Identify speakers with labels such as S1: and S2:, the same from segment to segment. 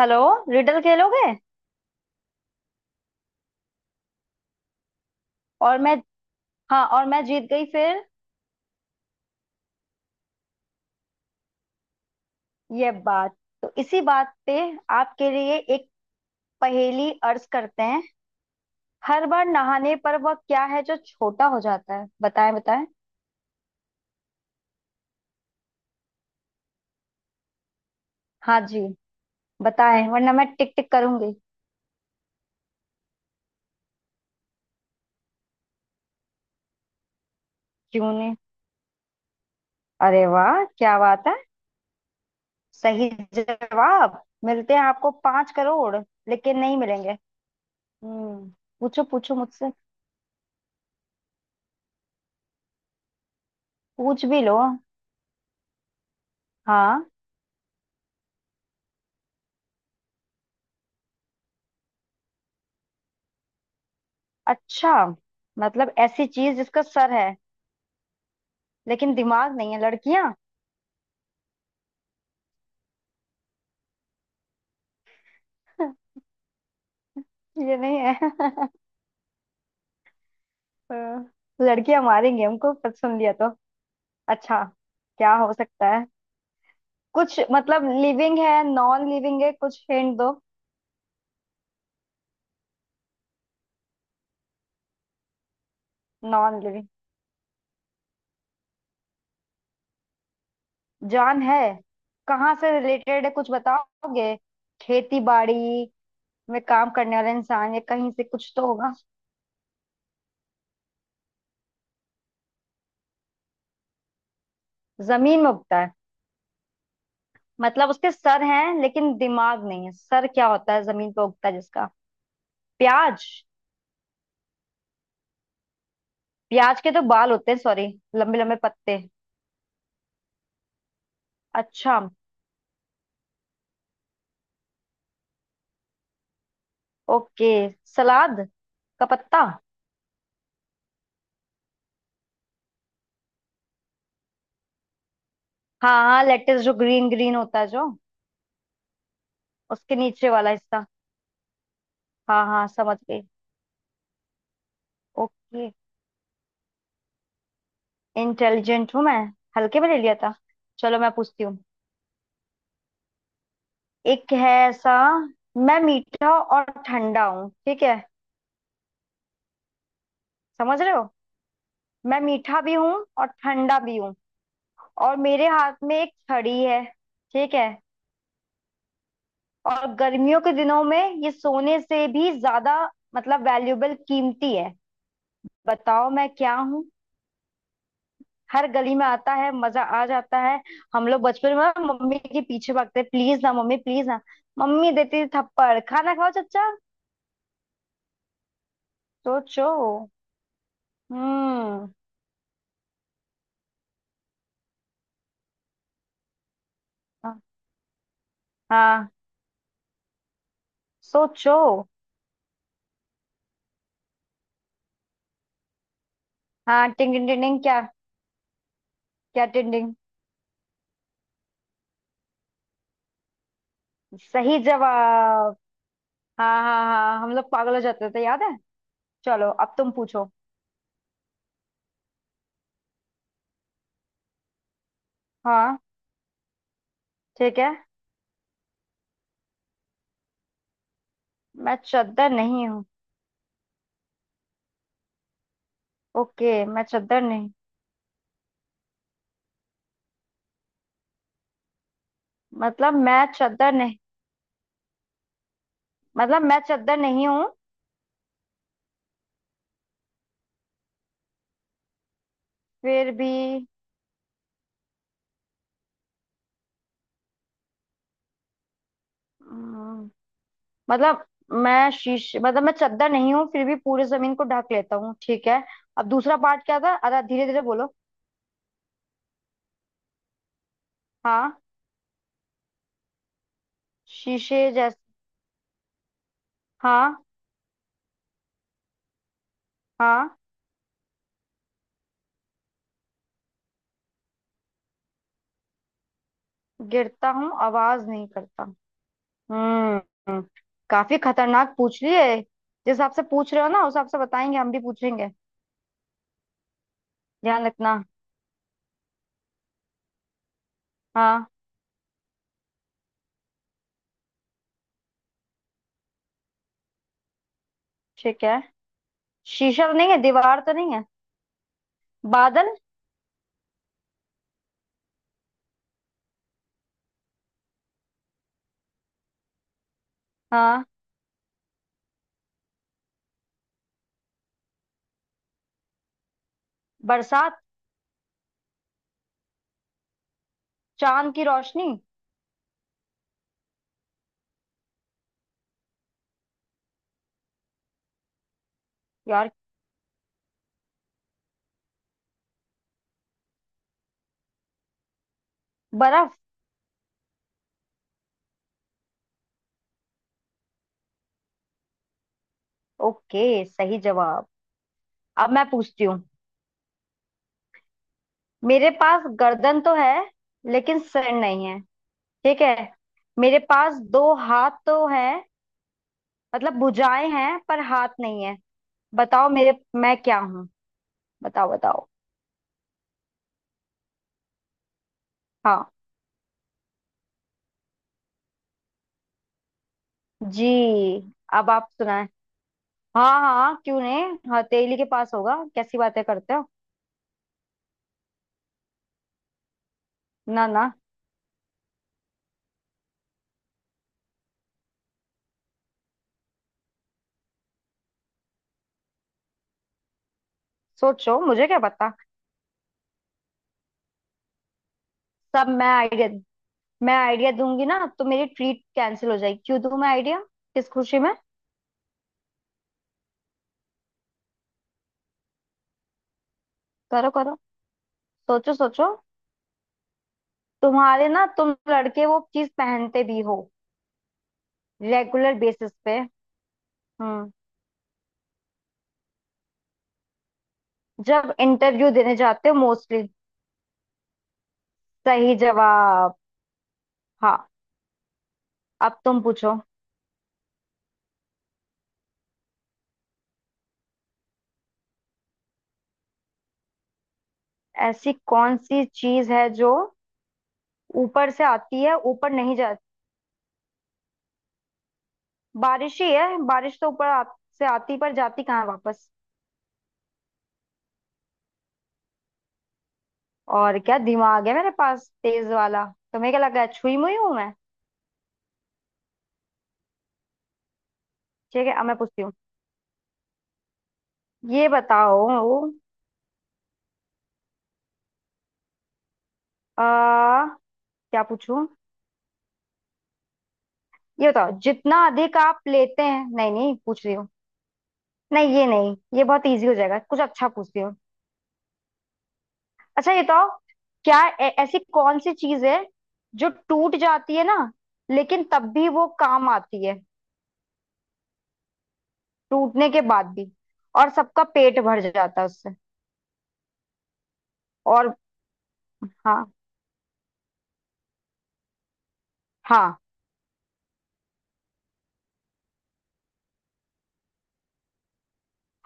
S1: Hello. Riddle खेलोगे। और मैं। हाँ और मैं जीत गई फिर। ये बात। तो इसी बात पे आपके लिए एक पहेली अर्ज करते हैं। हर बार नहाने पर वह क्या है जो छोटा हो जाता है? बताएं बताएं। हाँ जी। बताएं वरना मैं टिक टिक करूंगी। क्यों नहीं। अरे वाह, क्या बात है। सही जवाब। मिलते हैं आपको 5 करोड़। लेकिन नहीं मिलेंगे। हम्म पूछो पूछो मुझसे। पूछ भी लो। हाँ। अच्छा। मतलब ऐसी चीज जिसका सर है लेकिन दिमाग नहीं है। लड़कियां। ये नहीं है। हाँ, लड़कियां मारेंगे हमको पर सुन लिया तो। अच्छा, क्या हो सकता है? कुछ मतलब लिविंग है, नॉन लिविंग है? कुछ हिंट दो। Non living. जान है। कहाँ से रिलेटेड है कुछ बताओगे? खेती बाड़ी में काम करने वाला इंसान या कहीं से कुछ तो होगा। जमीन में उगता है। मतलब उसके सर हैं लेकिन दिमाग नहीं है। सर क्या होता है जमीन पे उगता है जिसका? प्याज। प्याज के तो बाल होते हैं, सॉरी। लंबे लंबे पत्ते। अच्छा। ओके। सलाद का पत्ता। हाँ हाँ, लेटेस जो ग्रीन ग्रीन होता है जो उसके नीचे वाला हिस्सा। हाँ हाँ, समझ गई। ओके, इंटेलिजेंट हूँ मैं। हल्के में ले लिया था। चलो मैं पूछती हूँ। एक है ऐसा। मैं मीठा और ठंडा हूँ, ठीक है? समझ रहे हो? मैं मीठा भी हूँ और ठंडा भी हूँ। और मेरे हाथ में एक छड़ी है, ठीक है? और गर्मियों के दिनों में ये सोने से भी ज्यादा, मतलब वैल्यूबल, कीमती है। बताओ मैं क्या हूँ। हर गली में आता है, मजा आ जाता है। हम लोग बचपन में ना मम्मी के पीछे भागते, प्लीज ना मम्मी प्लीज ना। मम्मी देती थी थप्पड़, खाना खाओ चुपचाप। सोचो। हम्म हाँ। हाँ, सोचो। हाँ, टिंग टिंग टिंग टिंग, क्या? क्या टिंग टिंग? सही जवाब। हाँ हाँ हाँ, हम लोग पागल हो जाते थे, याद है। चलो अब तुम पूछो। हाँ ठीक है। मैं चद्दर नहीं हूँ। ओके मैं चद्दर नहीं। मतलब मैं चद्दर नहीं। मतलब मैं चद्दर नहीं हूँ। फिर भी। हम्म, मतलब मैं शीश मतलब मैं चद्दर नहीं हूँ फिर भी पूरे जमीन को ढक लेता हूँ, ठीक है। अब दूसरा पार्ट क्या था? अरे धीरे धीरे बोलो। हाँ। शीशे जैसे। हाँ। हाँ। गिरता हूँ आवाज नहीं करता। हम्म हम्म, काफी खतरनाक पूछ लिए। जिस हिसाब से पूछ रहे हो ना, उस हिसाब से बताएंगे। हम भी पूछेंगे, ध्यान रखना। हाँ। ठीक है। शीशा तो नहीं है, दीवार तो नहीं है? बादल? हाँ। बरसात? चांद की रोशनी? यार। बर्फ। ओके, सही जवाब। अब मैं पूछती हूँ। मेरे पास गर्दन तो है लेकिन सर नहीं है, ठीक है? मेरे पास दो हाथ तो है, मतलब भुजाएं हैं, पर हाथ नहीं है। बताओ मेरे, मैं क्या हूँ? बताओ बताओ। हाँ जी। अब आप सुनाए। हाँ हाँ क्यों नहीं, हथेली के पास होगा? कैसी बातें करते हो। ना ना, सोचो, मुझे क्या पता। सब मैं आइडिया दूंगी ना तो मेरी ट्रीट कैंसिल हो जाएगी, क्यों दूं मैं आइडिया? किस खुशी में। करो करो, सोचो सोचो। तुम्हारे ना, तुम लड़के वो चीज पहनते भी हो, रेगुलर बेसिस पे। हम्म जब इंटरव्यू देने जाते हो मोस्टली। सही जवाब। हाँ, अब तुम पूछो। ऐसी कौन सी चीज है जो ऊपर से आती है, ऊपर नहीं जाती? बारिश ही है, बारिश तो ऊपर से आती पर जाती कहाँ है वापस। और क्या, दिमाग है मेरे पास तेज वाला। तुम्हें क्या लगा छुई मुई हूं मैं? ठीक है अब मैं पूछती हूँ। ये बताओ। आ, क्या पूछूं? ये बताओ जितना अधिक आप लेते हैं, नहीं नहीं, पूछ रही हूँ। नहीं ये नहीं, ये बहुत इजी हो जाएगा, कुछ अच्छा पूछती हूँ। अच्छा ये बताओ, ऐसी कौन सी चीज है जो टूट जाती है ना, लेकिन तब भी वो काम आती है। टूटने के बाद भी, और सबका पेट भर जाता है उससे। और हाँ हाँ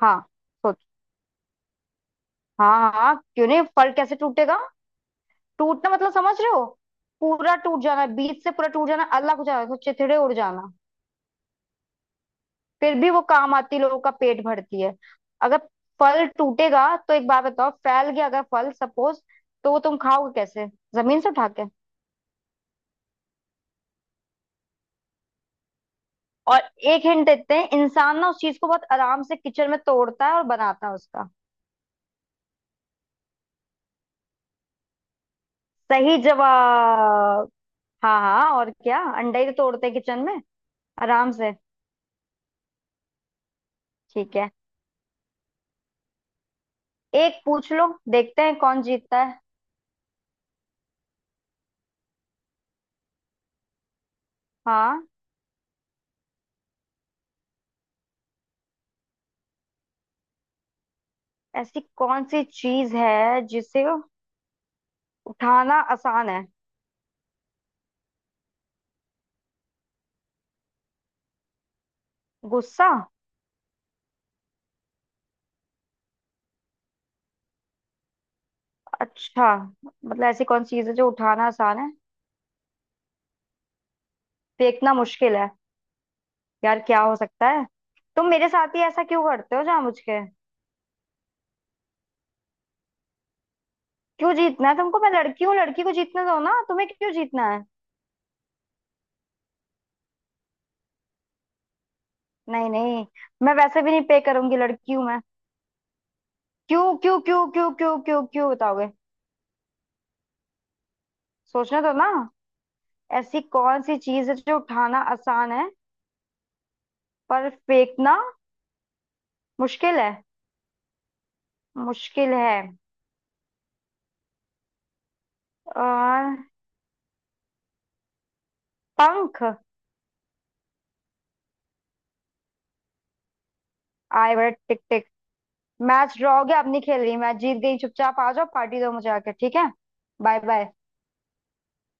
S1: हाँ हाँ हाँ क्यों नहीं, फल कैसे टूटेगा? टूटना मतलब समझ रहे हो, पूरा टूट जाना, बीच से पूरा टूट जाना, अलग हो जाना, तो चिथड़े उड़ जाना। फिर भी वो काम आती, लोगों का पेट भरती है। अगर फल टूटेगा तो एक बात बताओ, फैल गया अगर फल सपोज, तो वो तुम खाओगे कैसे? जमीन से उठा के। और एक हिंट देते हैं, इंसान ना उस चीज को बहुत आराम से किचन में तोड़ता है और बनाता है उसका। सही जवाब। हाँ हाँ, और क्या, अंडा ही तो तोड़ते हैं किचन में आराम से। ठीक है। एक पूछ लो, देखते हैं कौन जीतता है। हाँ। ऐसी कौन सी चीज है जिसे उठाना आसान है? गुस्सा। अच्छा, मतलब ऐसी कौन सी चीज है जो उठाना आसान है, फेंकना मुश्किल है। यार क्या हो सकता है? तुम मेरे साथ ही ऐसा क्यों करते हो जामुझ के? क्यों जीतना है तुमको, मैं लड़की हूँ, लड़की को जीतने दो ना, तुम्हें क्यों जीतना है? नहीं नहीं, मैं वैसे भी नहीं पे करूंगी, लड़की हूँ मैं। क्यों क्यों क्यों क्यों क्यों क्यों क्यों बताओगे? सोचने दो ना। ऐसी कौन सी चीज है जो उठाना आसान है पर फेंकना मुश्किल है, मुश्किल है। और पंख। आए बड़े टिक टिक। मैच ड्रॉ हो गया, अब नहीं खेल रही, मैं जीत गई, चुपचाप आ जाओ, पार्टी दो मुझे आके, ठीक है? Bye bye.